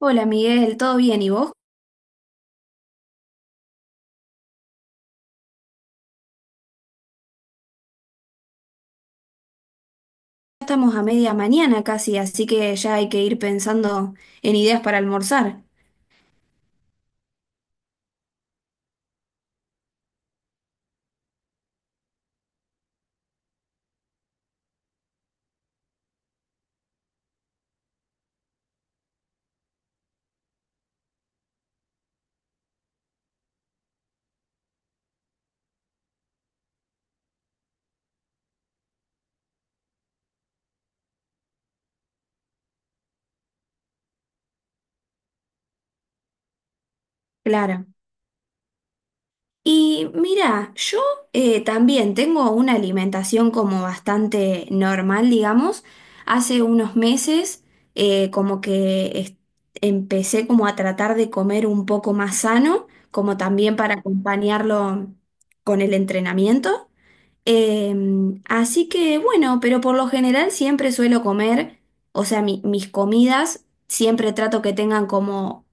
Hola Miguel, ¿todo bien? ¿Y vos? Ya estamos a media mañana casi, así que ya hay que ir pensando en ideas para almorzar. Claro. Y mira, yo también tengo una alimentación como bastante normal, digamos. Hace unos meses eh, como que es- empecé como a tratar de comer un poco más sano, como también para acompañarlo con el entrenamiento. Así que bueno, pero por lo general siempre suelo comer, o sea, mis comidas siempre trato que tengan como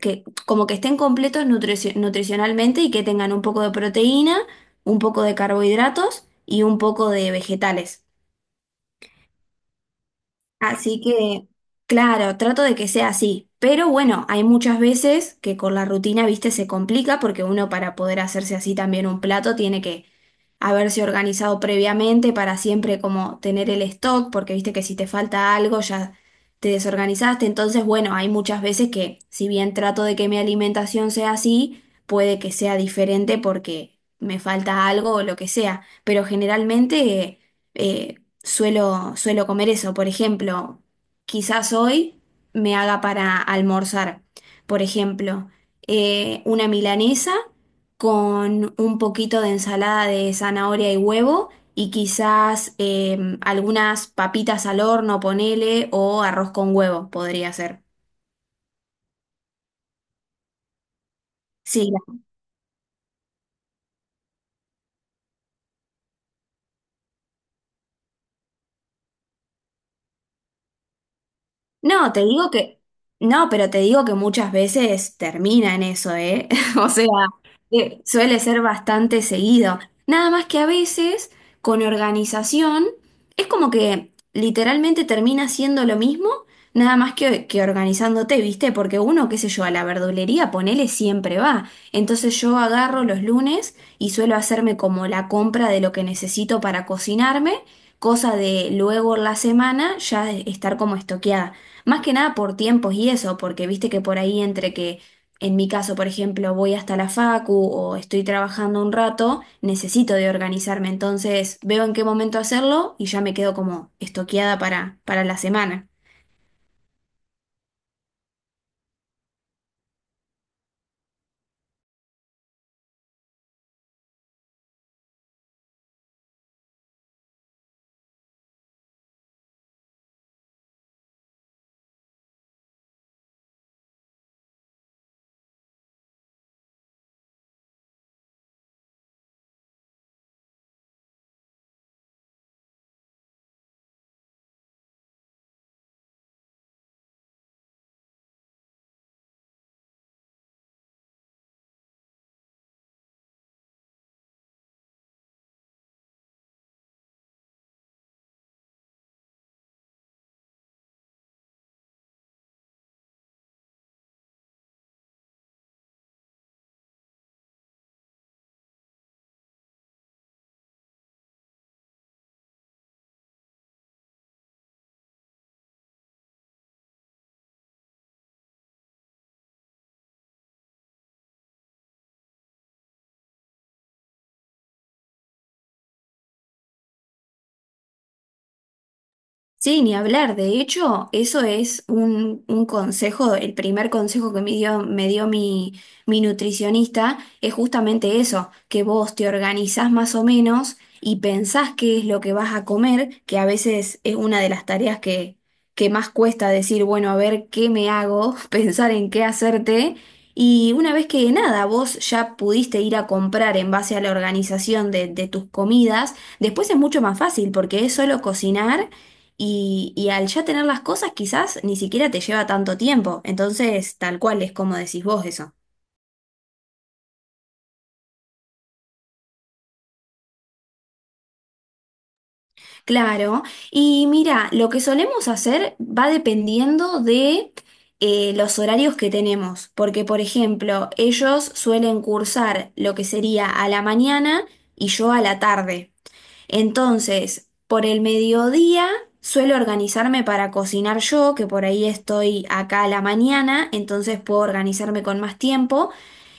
que, como que estén completos nutricionalmente y que tengan un poco de proteína, un poco de carbohidratos y un poco de vegetales. Así que, claro, trato de que sea así. Pero bueno, hay muchas veces que con la rutina, viste, se complica porque uno para poder hacerse así también un plato tiene que haberse organizado previamente para siempre como tener el stock, porque viste que si te falta algo ya te desorganizaste. Entonces, bueno, hay muchas veces que si bien trato de que mi alimentación sea así, puede que sea diferente porque me falta algo o lo que sea. Pero generalmente... eh, suelo comer eso. Por ejemplo, quizás hoy me haga para almorzar, por ejemplo, una milanesa con un poquito de ensalada de zanahoria y huevo y quizás algunas papitas al horno, ponele, o arroz con huevo podría ser. Sí. No, te digo que, no, pero te digo que muchas veces termina en eso, ¿eh? O sea, suele ser bastante seguido. Nada más que a veces, con organización, es como que literalmente termina siendo lo mismo, nada más que organizándote, ¿viste? Porque uno, qué sé yo, a la verdulería, ponele, siempre va. Entonces yo agarro los lunes y suelo hacerme como la compra de lo que necesito para cocinarme, cosa de luego en la semana ya estar como estoqueada. Más que nada por tiempos y eso, porque viste que por ahí en mi caso, por ejemplo, voy hasta la facu o estoy trabajando un rato, necesito de organizarme, entonces veo en qué momento hacerlo y ya me quedo como estoqueada para la semana. Sí, ni hablar. De hecho, eso es un consejo, el primer consejo que me dio mi nutricionista es justamente eso, que vos te organizás más o menos y pensás qué es lo que vas a comer, que a veces es una de las tareas que más cuesta decir, bueno, a ver qué me hago, pensar en qué hacerte. Y una vez que nada, vos ya pudiste ir a comprar en base a la organización de tus comidas, después es mucho más fácil porque es solo cocinar y al ya tener las cosas, quizás ni siquiera te lleva tanto tiempo. Entonces, tal cual es como decís vos eso. Claro. Y mira, lo que solemos hacer va dependiendo de los horarios que tenemos. Porque, por ejemplo, ellos suelen cursar lo que sería a la mañana y yo a la tarde. Entonces, por el mediodía suelo organizarme para cocinar yo, que por ahí estoy acá a la mañana, entonces puedo organizarme con más tiempo,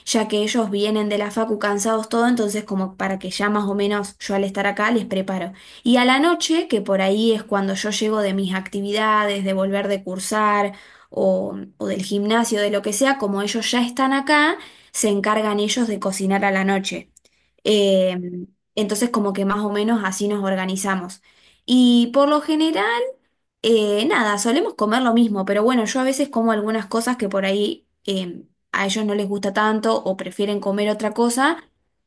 ya que ellos vienen de la facu cansados todo, entonces como para que ya más o menos yo al estar acá les preparo. Y a la noche, que por ahí es cuando yo llego de mis actividades, de volver de cursar o del gimnasio, de lo que sea, como ellos ya están acá, se encargan ellos de cocinar a la noche. Em, entonces como que más o menos así nos organizamos. Y por lo general, nada, solemos comer lo mismo, pero bueno, yo a veces como algunas cosas que por ahí a ellos no les gusta tanto o prefieren comer otra cosa,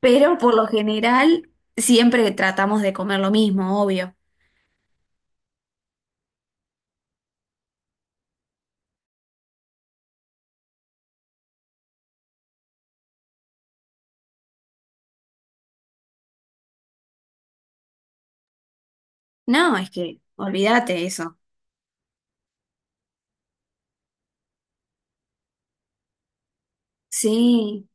pero por lo general siempre tratamos de comer lo mismo, obvio. No, es que olvídate eso. Sí,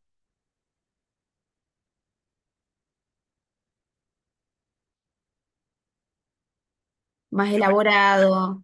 más bueno, elaborado.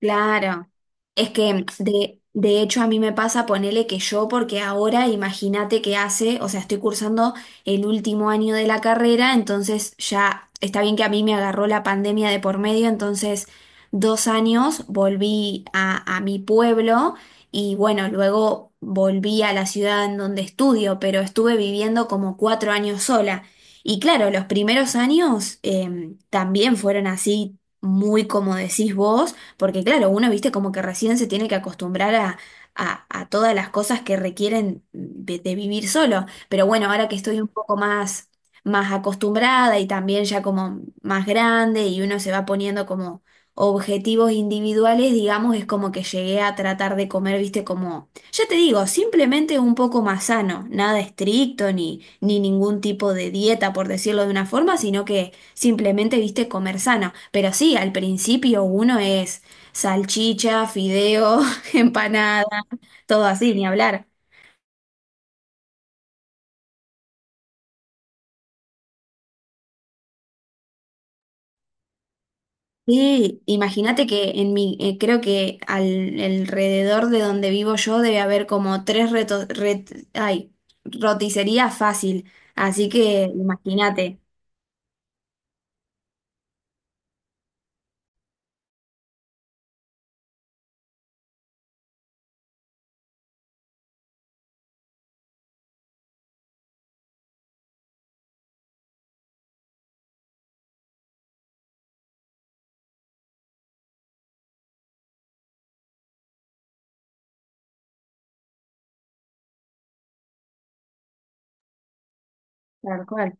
Claro, es que de hecho a mí me pasa ponerle que yo, porque ahora imagínate que hace, o sea, estoy cursando el último año de la carrera, entonces ya está bien que a mí me agarró la pandemia de por medio, entonces 2 años volví a mi pueblo y bueno, luego volví a la ciudad en donde estudio, pero estuve viviendo como 4 años sola. Y claro, los primeros años también fueron así, muy como decís vos porque claro, uno, viste, como que recién se tiene que acostumbrar a todas las cosas que requieren de vivir solo. Pero bueno, ahora que estoy un poco más, más acostumbrada y también ya como más grande y uno se va poniendo como objetivos individuales, digamos, es como que llegué a tratar de comer, viste, como, ya te digo, simplemente un poco más sano, nada estricto ni ningún tipo de dieta, por decirlo de una forma, sino que simplemente, viste, comer sano. Pero sí, al principio uno es salchicha, fideo, empanada, todo así, ni hablar. Sí, imagínate que en mi, creo que alrededor de donde vivo yo debe haber como tres roticerías fácil. Así que imagínate. Tal cual.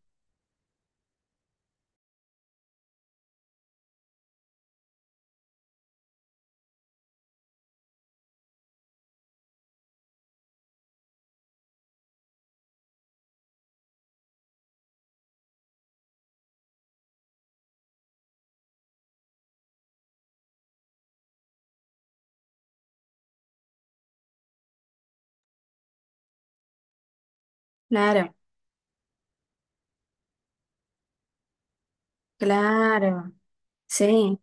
Claro, claro. Sí,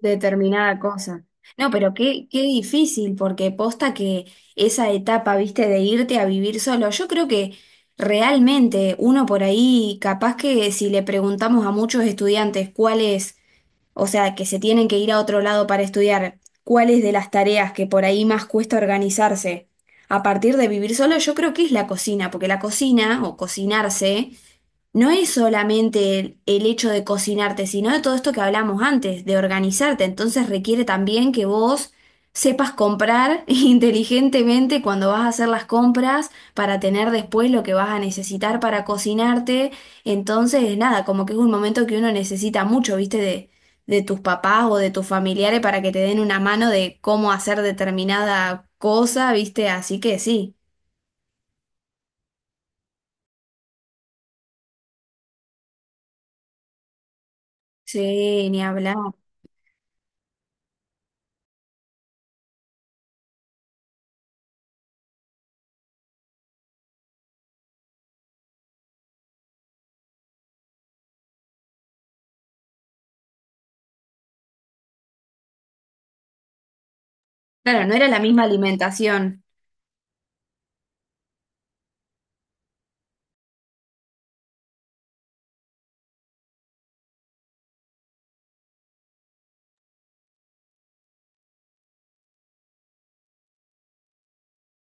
determinada cosa. No, pero qué difícil, porque posta que esa etapa, viste, de irte a vivir solo, yo creo que realmente uno por ahí, capaz que si le preguntamos a muchos estudiantes cuáles, o sea, que se tienen que ir a otro lado para estudiar, cuáles de las tareas que por ahí más cuesta organizarse a partir de vivir solo, yo creo que es la cocina, porque la cocina o cocinarse no es solamente el hecho de cocinarte, sino de todo esto que hablamos antes, de organizarte. Entonces requiere también que vos sepas comprar inteligentemente cuando vas a hacer las compras para tener después lo que vas a necesitar para cocinarte. Entonces, nada, como que es un momento que uno necesita mucho, ¿viste? De tus papás o de tus familiares para que te den una mano de cómo hacer determinada cosa, ¿viste? Así que sí, sí, ni hablar. Claro, no era la misma alimentación.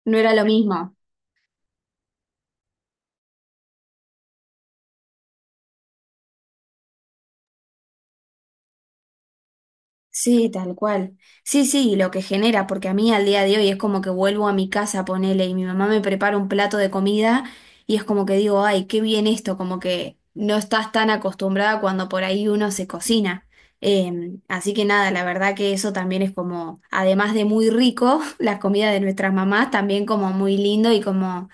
No era lo mismo. Sí, tal cual. Sí, sí, y lo que genera, porque a mí al día de hoy es como que vuelvo a mi casa, ponele, y mi mamá me prepara un plato de comida y es como que digo, ay, qué bien esto, como que no estás tan acostumbrada cuando por ahí uno se cocina. Así que nada, la verdad que eso también es como, además de muy rico, la comida de nuestras mamás también como muy lindo y como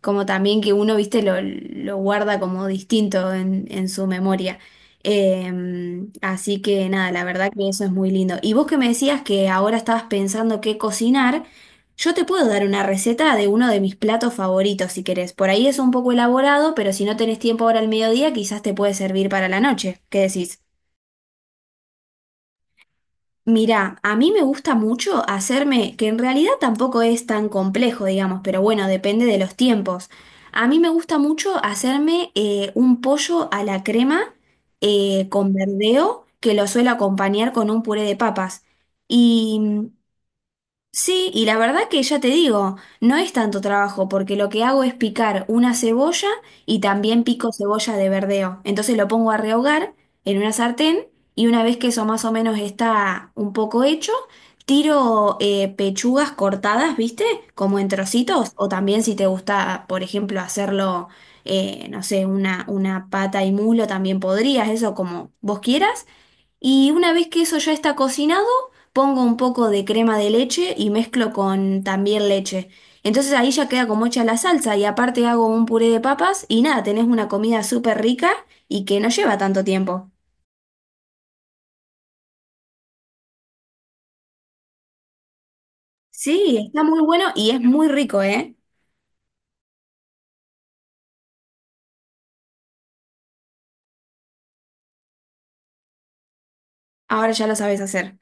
como también que uno, viste, lo guarda como distinto en su memoria. Así que nada, la verdad que eso es muy lindo. Y vos que me decías que ahora estabas pensando qué cocinar, yo te puedo dar una receta de uno de mis platos favoritos si querés. Por ahí es un poco elaborado, pero si no tenés tiempo ahora al mediodía, quizás te puede servir para la noche. ¿Qué decís? Mirá, a mí me gusta mucho hacerme, que en realidad tampoco es tan complejo, digamos, pero bueno, depende de los tiempos. A mí me gusta mucho hacerme un pollo a la crema con verdeo, que lo suelo acompañar con un puré de papas. Y sí, y la verdad que ya te digo, no es tanto trabajo porque lo que hago es picar una cebolla y también pico cebolla de verdeo. Entonces lo pongo a rehogar en una sartén y una vez que eso más o menos está un poco hecho, tiro pechugas cortadas, ¿viste? Como en trocitos o también si te gusta, por ejemplo, hacerlo, no sé, una pata y muslo también podrías, eso como vos quieras. Y una vez que eso ya está cocinado, pongo un poco de crema de leche y mezclo con también leche. Entonces ahí ya queda como hecha la salsa y aparte hago un puré de papas y nada, tenés una comida súper rica y que no lleva tanto tiempo. Sí, está muy bueno y es muy rico, ¿eh? Ahora ya lo sabes hacer.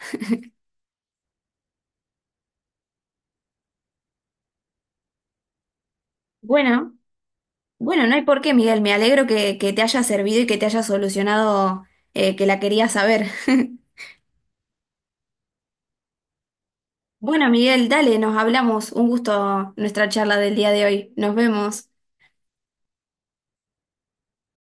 Bueno, bueno, no hay por qué, Miguel. Me alegro que te haya servido y que te haya solucionado que la querías saber. Bueno, Miguel, dale, nos hablamos. Un gusto nuestra charla del día de hoy. Nos vemos.